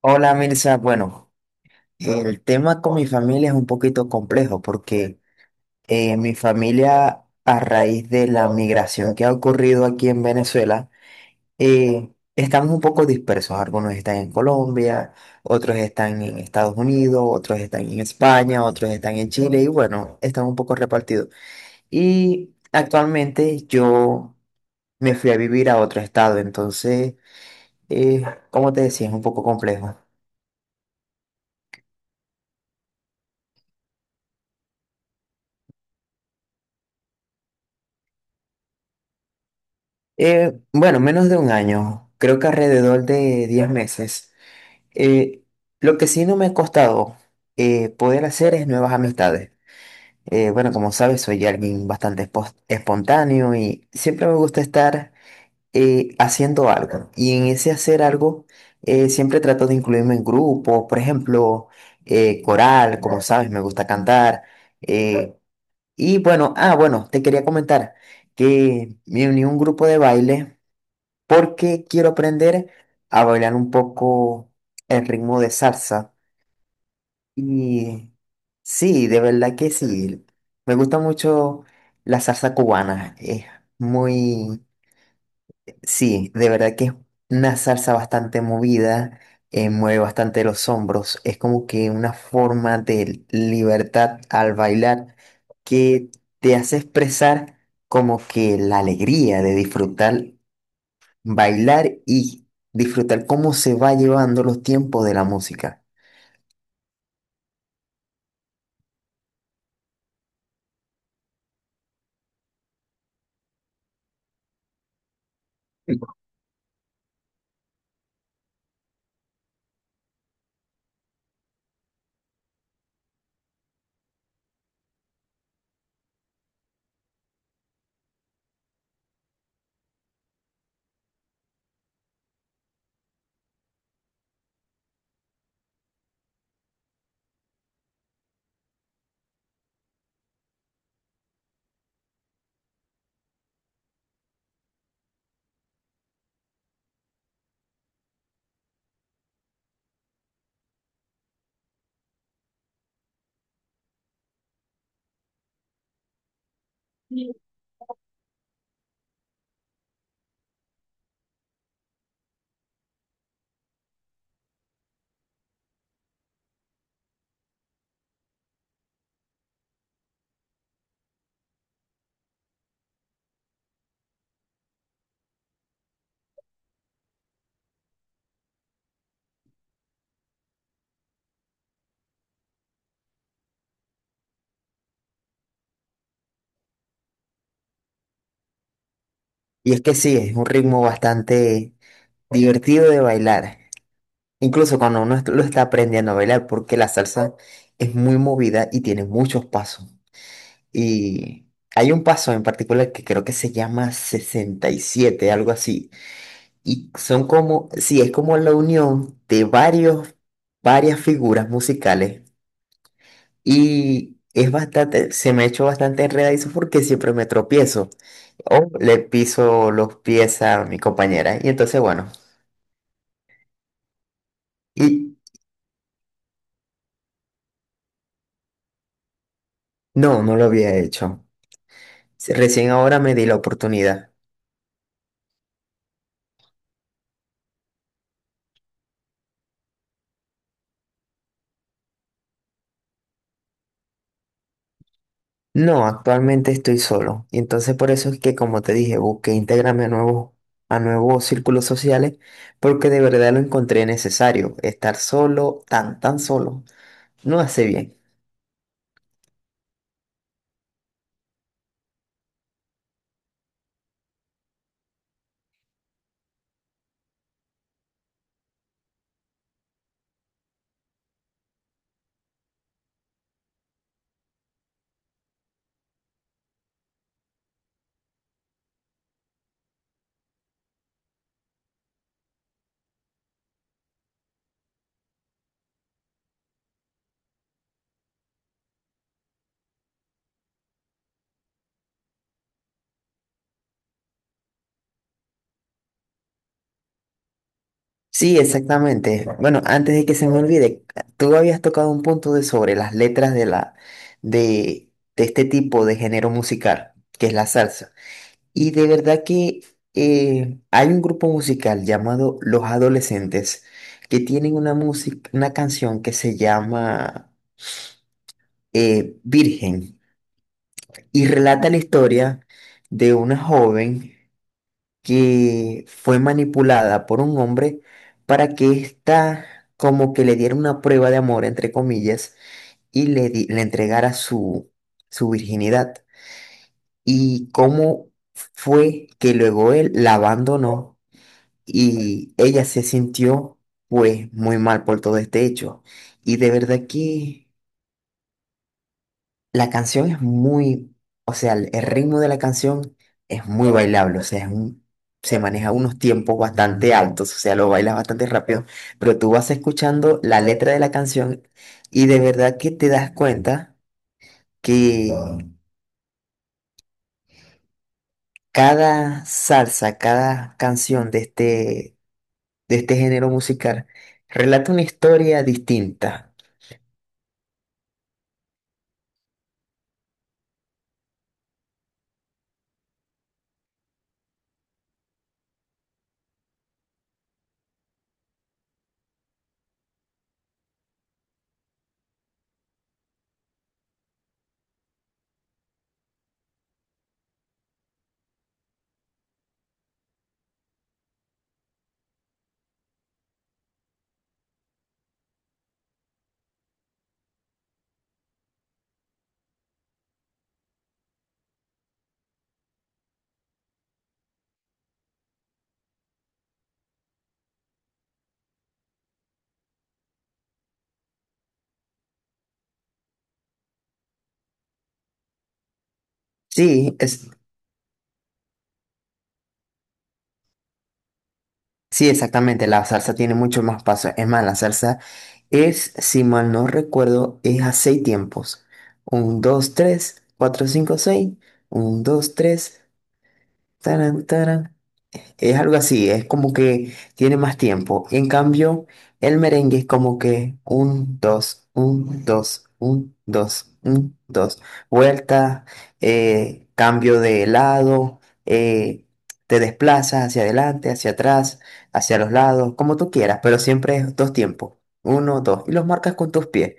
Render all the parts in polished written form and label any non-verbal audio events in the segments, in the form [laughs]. Hola Mirza, bueno, el tema con mi familia es un poquito complejo porque mi familia a raíz de la migración que ha ocurrido aquí en Venezuela, estamos un poco dispersos. Algunos están en Colombia, otros están en Estados Unidos, otros están en España, otros están en Chile y bueno, están un poco repartidos. Y actualmente yo me fui a vivir a otro estado, entonces, eh, como te decía, es un poco complejo. Bueno, menos de un año, creo que alrededor de 10 meses. Eh, lo que sí no me ha costado poder hacer es nuevas amistades. Bueno, como sabes, soy alguien bastante espontáneo y siempre me gusta estar haciendo algo. Y en ese hacer algo, siempre trato de incluirme en grupos, por ejemplo, coral, como sabes, me gusta cantar. eh, y bueno, te quería comentar que me uní a un grupo de baile porque quiero aprender a bailar un poco el ritmo de salsa. Y sí, de verdad que sí. Me gusta mucho la salsa cubana. Es muy, sí, de verdad que es una salsa bastante movida, mueve bastante los hombros. Es como que una forma de libertad al bailar que te hace expresar como que la alegría de disfrutar bailar y disfrutar cómo se va llevando los tiempos de la música. Y es que sí, es un ritmo bastante divertido de bailar, incluso cuando uno lo está aprendiendo a bailar, porque la salsa es muy movida y tiene muchos pasos. Y hay un paso en particular que creo que se llama 67 algo así. Y son como, sí, es como la unión de varias figuras musicales. Y es bastante, se me ha hecho bastante enredadizo porque siempre me tropiezo o le piso los pies a mi compañera. Y entonces, bueno, y no, no lo había hecho. Sí, recién ahora me di la oportunidad. No, actualmente estoy solo. Y entonces por eso es que, como te dije, busqué integrarme a a nuevos círculos sociales porque de verdad lo encontré necesario. Estar solo, tan, tan solo, no hace bien. Sí, exactamente. Bueno, antes de que se me olvide, tú habías tocado un punto de sobre las letras de la de, de este tipo de género musical, que es la salsa. Y de verdad que hay un grupo musical llamado Los Adolescentes que tienen una música, una canción que se llama Virgen y relata la historia de una joven que fue manipulada por un hombre para que ésta como que le diera una prueba de amor, entre comillas, y le entregara su virginidad. Y cómo fue que luego él la abandonó y ella se sintió pues muy mal por todo este hecho. Y de verdad que... La canción es muy, o sea, el ritmo de la canción es muy bailable, o sea, se maneja unos tiempos bastante altos, o sea, lo bailas bastante rápido, pero tú vas escuchando la letra de la canción y de verdad que te das cuenta que cada salsa, cada canción de este género musical relata una historia distinta. Sí, es Sí, exactamente, la salsa tiene mucho más paso. Es más, la salsa es, si mal no recuerdo, es a seis tiempos. Un, dos, tres, cuatro, cinco, seis. Un, dos, tres, taran, taran. Es algo así, es como que tiene más tiempo. En cambio, el merengue es como que un, dos, un, dos, un, dos, un, dos. Vuelta, cambio de lado, eh, te desplazas hacia adelante, hacia atrás, hacia los lados, como tú quieras, pero siempre es dos tiempos. Uno, dos. Y los marcas con tus pies.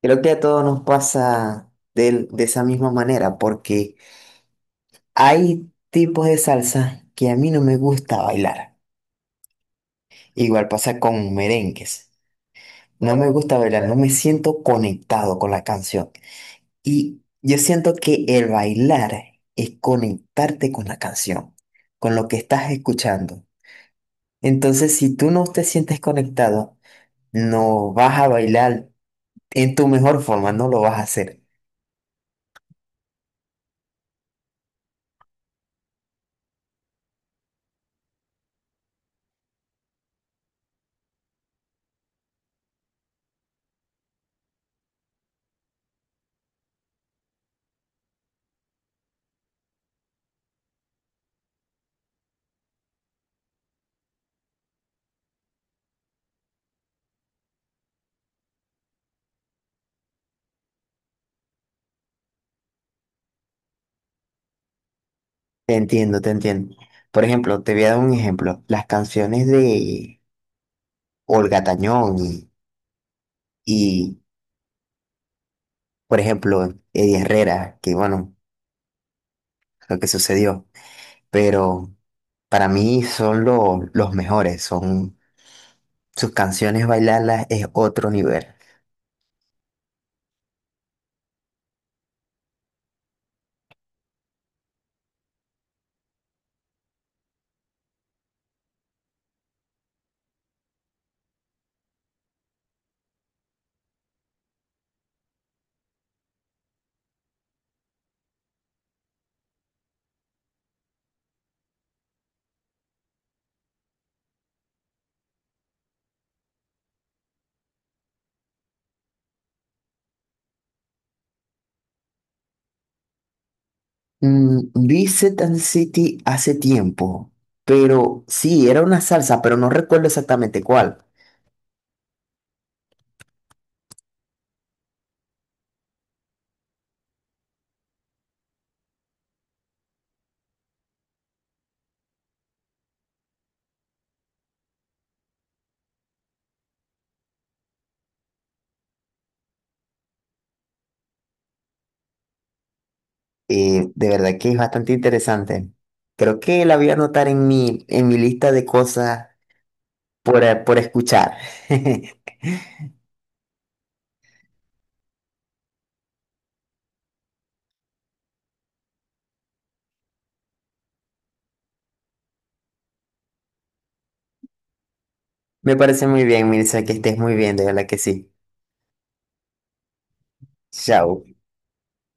Creo que a todos nos pasa de esa misma manera, porque hay tipos de salsa que a mí no me gusta bailar. Igual pasa con merengues. No me gusta bailar, no me siento conectado con la canción. Y yo siento que el bailar es conectarte con la canción, con lo que estás escuchando. Entonces, si tú no te sientes conectado, no vas a bailar en tu mejor forma, no lo vas a hacer. Te entiendo, te entiendo. Por ejemplo, te voy a dar un ejemplo. Las canciones de Olga Tañón y, y, por ejemplo, Eddie Herrera, que bueno, lo que sucedió, pero para mí son los mejores, son sus canciones, bailarlas es otro nivel. Vi Tan City hace tiempo, pero sí, era una salsa, pero no recuerdo exactamente cuál. De verdad que es bastante interesante. Creo que la voy a anotar en mi lista de cosas por escuchar. [laughs] Me parece muy bien, Mirza, que estés muy bien, de verdad que sí. Chao.